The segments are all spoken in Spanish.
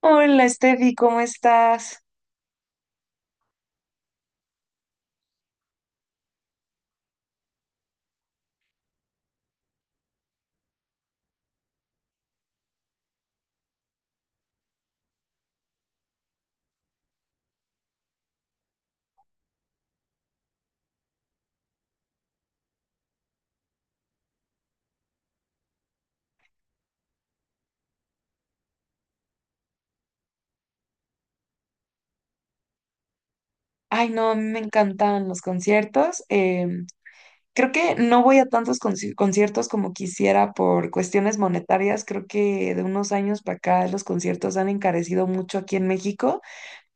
Hola, Steffi, ¿cómo estás? Ay, no, a mí me encantan los conciertos. Creo que no voy a tantos conciertos como quisiera por cuestiones monetarias. Creo que de unos años para acá los conciertos han encarecido mucho aquí en México,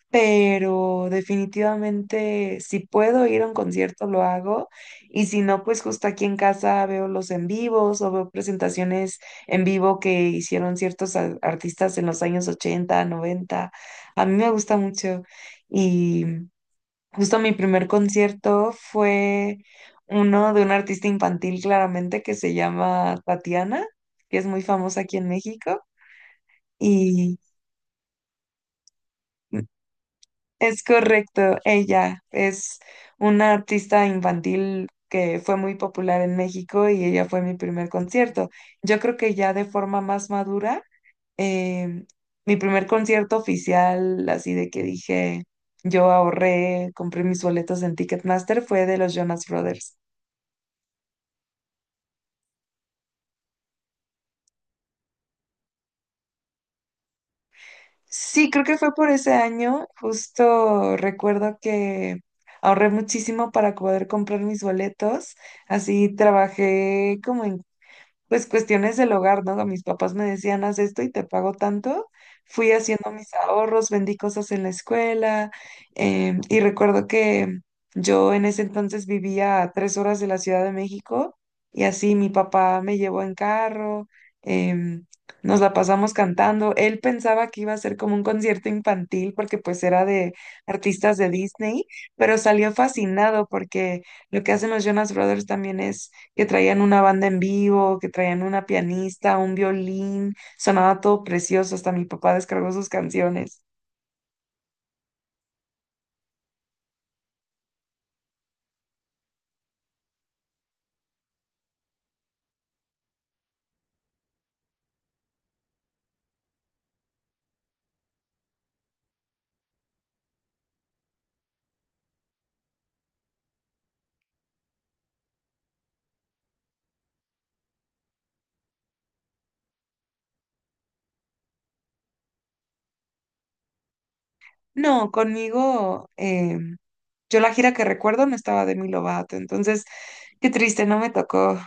pero definitivamente si puedo ir a un concierto lo hago, y si no, pues justo aquí en casa veo los en vivos o veo presentaciones en vivo que hicieron ciertos artistas en los años 80 90. A mí me gusta mucho. Y justo mi primer concierto fue uno de un artista infantil, claramente, que se llama Tatiana, que es muy famosa aquí en México. Y... es correcto, ella es una artista infantil que fue muy popular en México y ella fue mi primer concierto. Yo creo que ya de forma más madura, eh, mi primer concierto oficial, así de que dije, yo ahorré, compré mis boletos en Ticketmaster, fue de los Jonas Brothers. Sí, creo que fue por ese año. Justo recuerdo que ahorré muchísimo para poder comprar mis boletos. Así trabajé como en, pues, cuestiones del hogar, ¿no? Mis papás me decían, haz esto y te pago tanto. Fui haciendo mis ahorros, vendí cosas en la escuela, y recuerdo que yo en ese entonces vivía a 3 horas de la Ciudad de México, y así mi papá me llevó en carro. em, Nos la pasamos cantando. Él pensaba que iba a ser como un concierto infantil, porque pues era de artistas de Disney, pero salió fascinado, porque lo que hacen los Jonas Brothers también es que traían una banda en vivo, que traían una pianista, un violín, sonaba todo precioso, hasta mi papá descargó sus canciones. No, conmigo, yo la gira que recuerdo no estaba de Demi Lovato, entonces qué triste, no me tocó.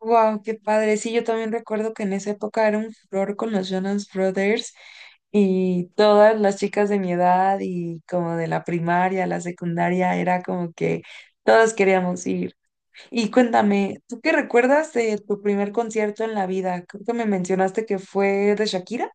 Wow, qué padre. Sí, yo también recuerdo que en esa época era un flor con los Jonas Brothers, y todas las chicas de mi edad y como de la primaria, la secundaria, era como que todos queríamos ir. Y cuéntame, ¿tú qué recuerdas de tu primer concierto en la vida? Creo que me mencionaste que fue de Shakira.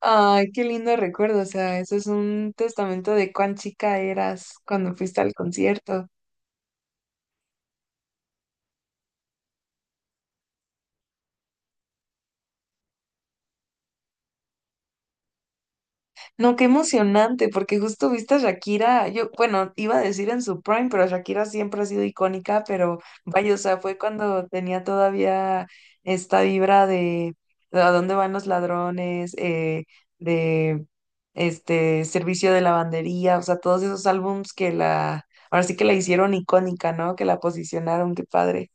Ay, qué lindo recuerdo. O sea, eso es un testamento de cuán chica eras cuando fuiste al concierto. No, qué emocionante, porque justo viste a Shakira. Yo, bueno, iba a decir en su prime, pero Shakira siempre ha sido icónica, pero vaya, o sea, fue cuando tenía todavía esta vibra de a dónde van los ladrones, de este servicio de lavandería, o sea, todos esos álbums que la, ahora sí que la hicieron icónica, ¿no? Que la posicionaron. Qué padre,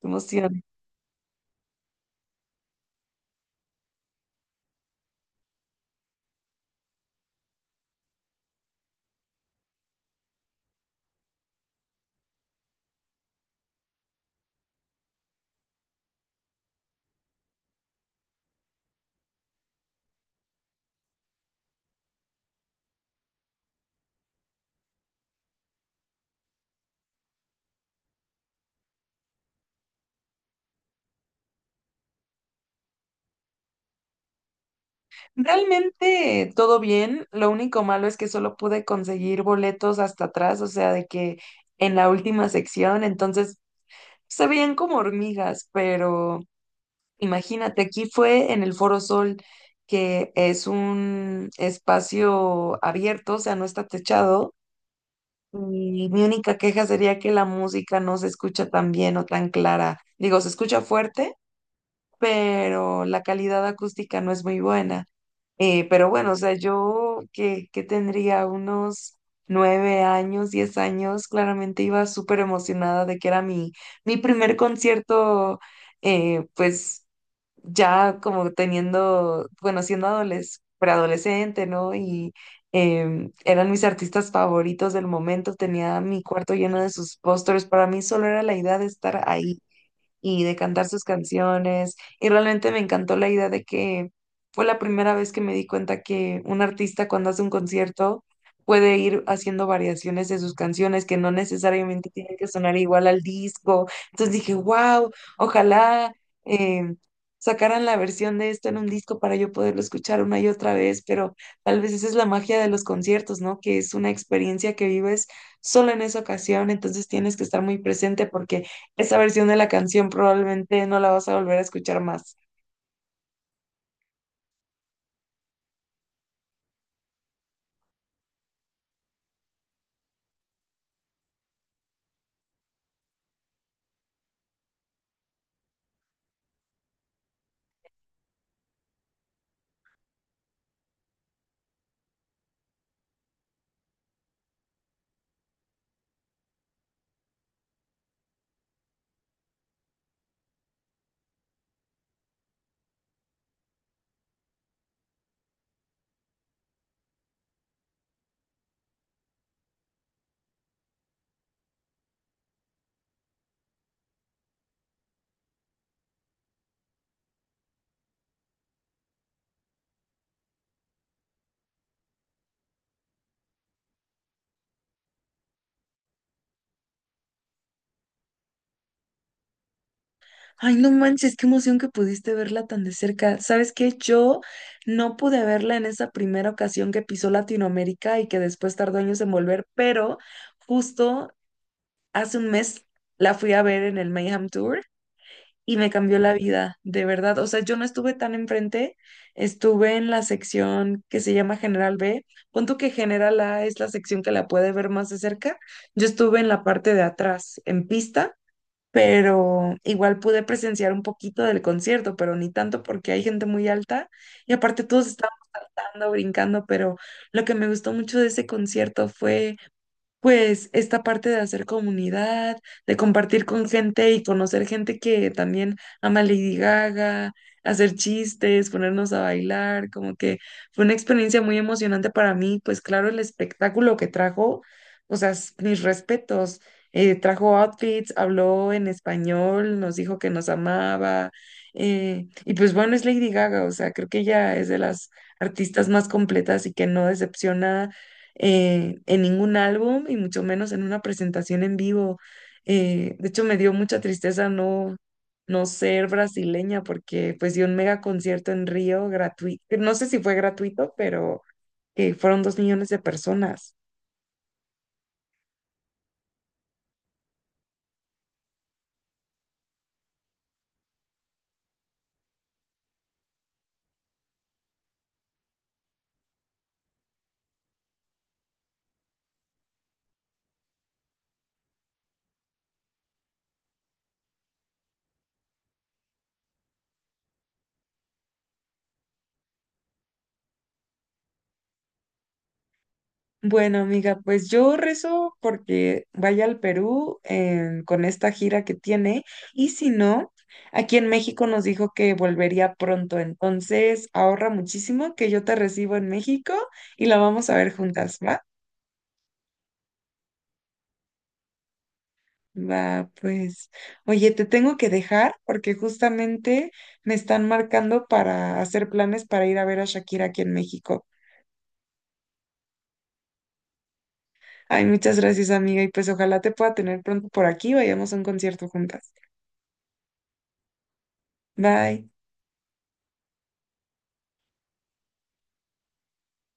qué emoción. Realmente todo bien, lo único malo es que solo pude conseguir boletos hasta atrás, o sea, de que en la última sección, entonces se veían como hormigas, pero imagínate, aquí fue en el Foro Sol, que es un espacio abierto, o sea, no está techado, y mi única queja sería que la música no se escucha tan bien o tan clara. Digo, se escucha fuerte, pero la calidad acústica no es muy buena. Pero bueno, o sea, yo que tendría unos 9 años, 10 años, claramente iba súper emocionada de que era mi, mi primer concierto. Pues ya como teniendo, bueno, siendo preadolescente, ¿no? Y eran mis artistas favoritos del momento, tenía mi cuarto lleno de sus pósters. Para mí solo era la idea de estar ahí y de cantar sus canciones. Y realmente me encantó la idea de que fue la primera vez que me di cuenta que un artista, cuando hace un concierto, puede ir haciendo variaciones de sus canciones que no necesariamente tienen que sonar igual al disco. Entonces dije, wow, ojalá eh, sacaran la versión de esto en un disco para yo poderlo escuchar una y otra vez, pero tal vez esa es la magia de los conciertos, ¿no? Que es una experiencia que vives solo en esa ocasión, entonces tienes que estar muy presente porque esa versión de la canción probablemente no la vas a volver a escuchar más. Ay, no manches, qué emoción que pudiste verla tan de cerca. ¿Sabes qué? Yo no pude verla en esa primera ocasión que pisó Latinoamérica y que después tardó años en volver, pero justo hace un mes la fui a ver en el Mayhem Tour y me cambió la vida, de verdad. O sea, yo no estuve tan enfrente, estuve en la sección que se llama General B. Punto que General A es la sección que la puede ver más de cerca. Yo estuve en la parte de atrás, en pista, pero igual pude presenciar un poquito del concierto, pero ni tanto porque hay gente muy alta y aparte todos estábamos saltando, brincando, pero lo que me gustó mucho de ese concierto fue pues esta parte de hacer comunidad, de compartir con gente y conocer gente que también ama Lady Gaga, hacer chistes, ponernos a bailar, como que fue una experiencia muy emocionante para mí. Pues claro, el espectáculo que trajo, o sea, mis respetos. Trajo outfits, habló en español, nos dijo que nos amaba. Y pues bueno, es Lady Gaga. O sea, creo que ella es de las artistas más completas y que no decepciona en ningún álbum y mucho menos en una presentación en vivo. De hecho, me dio mucha tristeza no ser brasileña, porque pues dio un mega concierto en Río gratuito. No sé si fue gratuito, pero que fueron 2 millones de personas. Bueno, amiga, pues yo rezo porque vaya al Perú con esta gira que tiene, y si no, aquí en México nos dijo que volvería pronto, entonces ahorra muchísimo que yo te recibo en México y la vamos a ver juntas, ¿va? Va, pues, oye, te tengo que dejar porque justamente me están marcando para hacer planes para ir a ver a Shakira aquí en México. Ay, muchas gracias, amiga, y pues ojalá te pueda tener pronto por aquí, vayamos a un concierto juntas. Bye.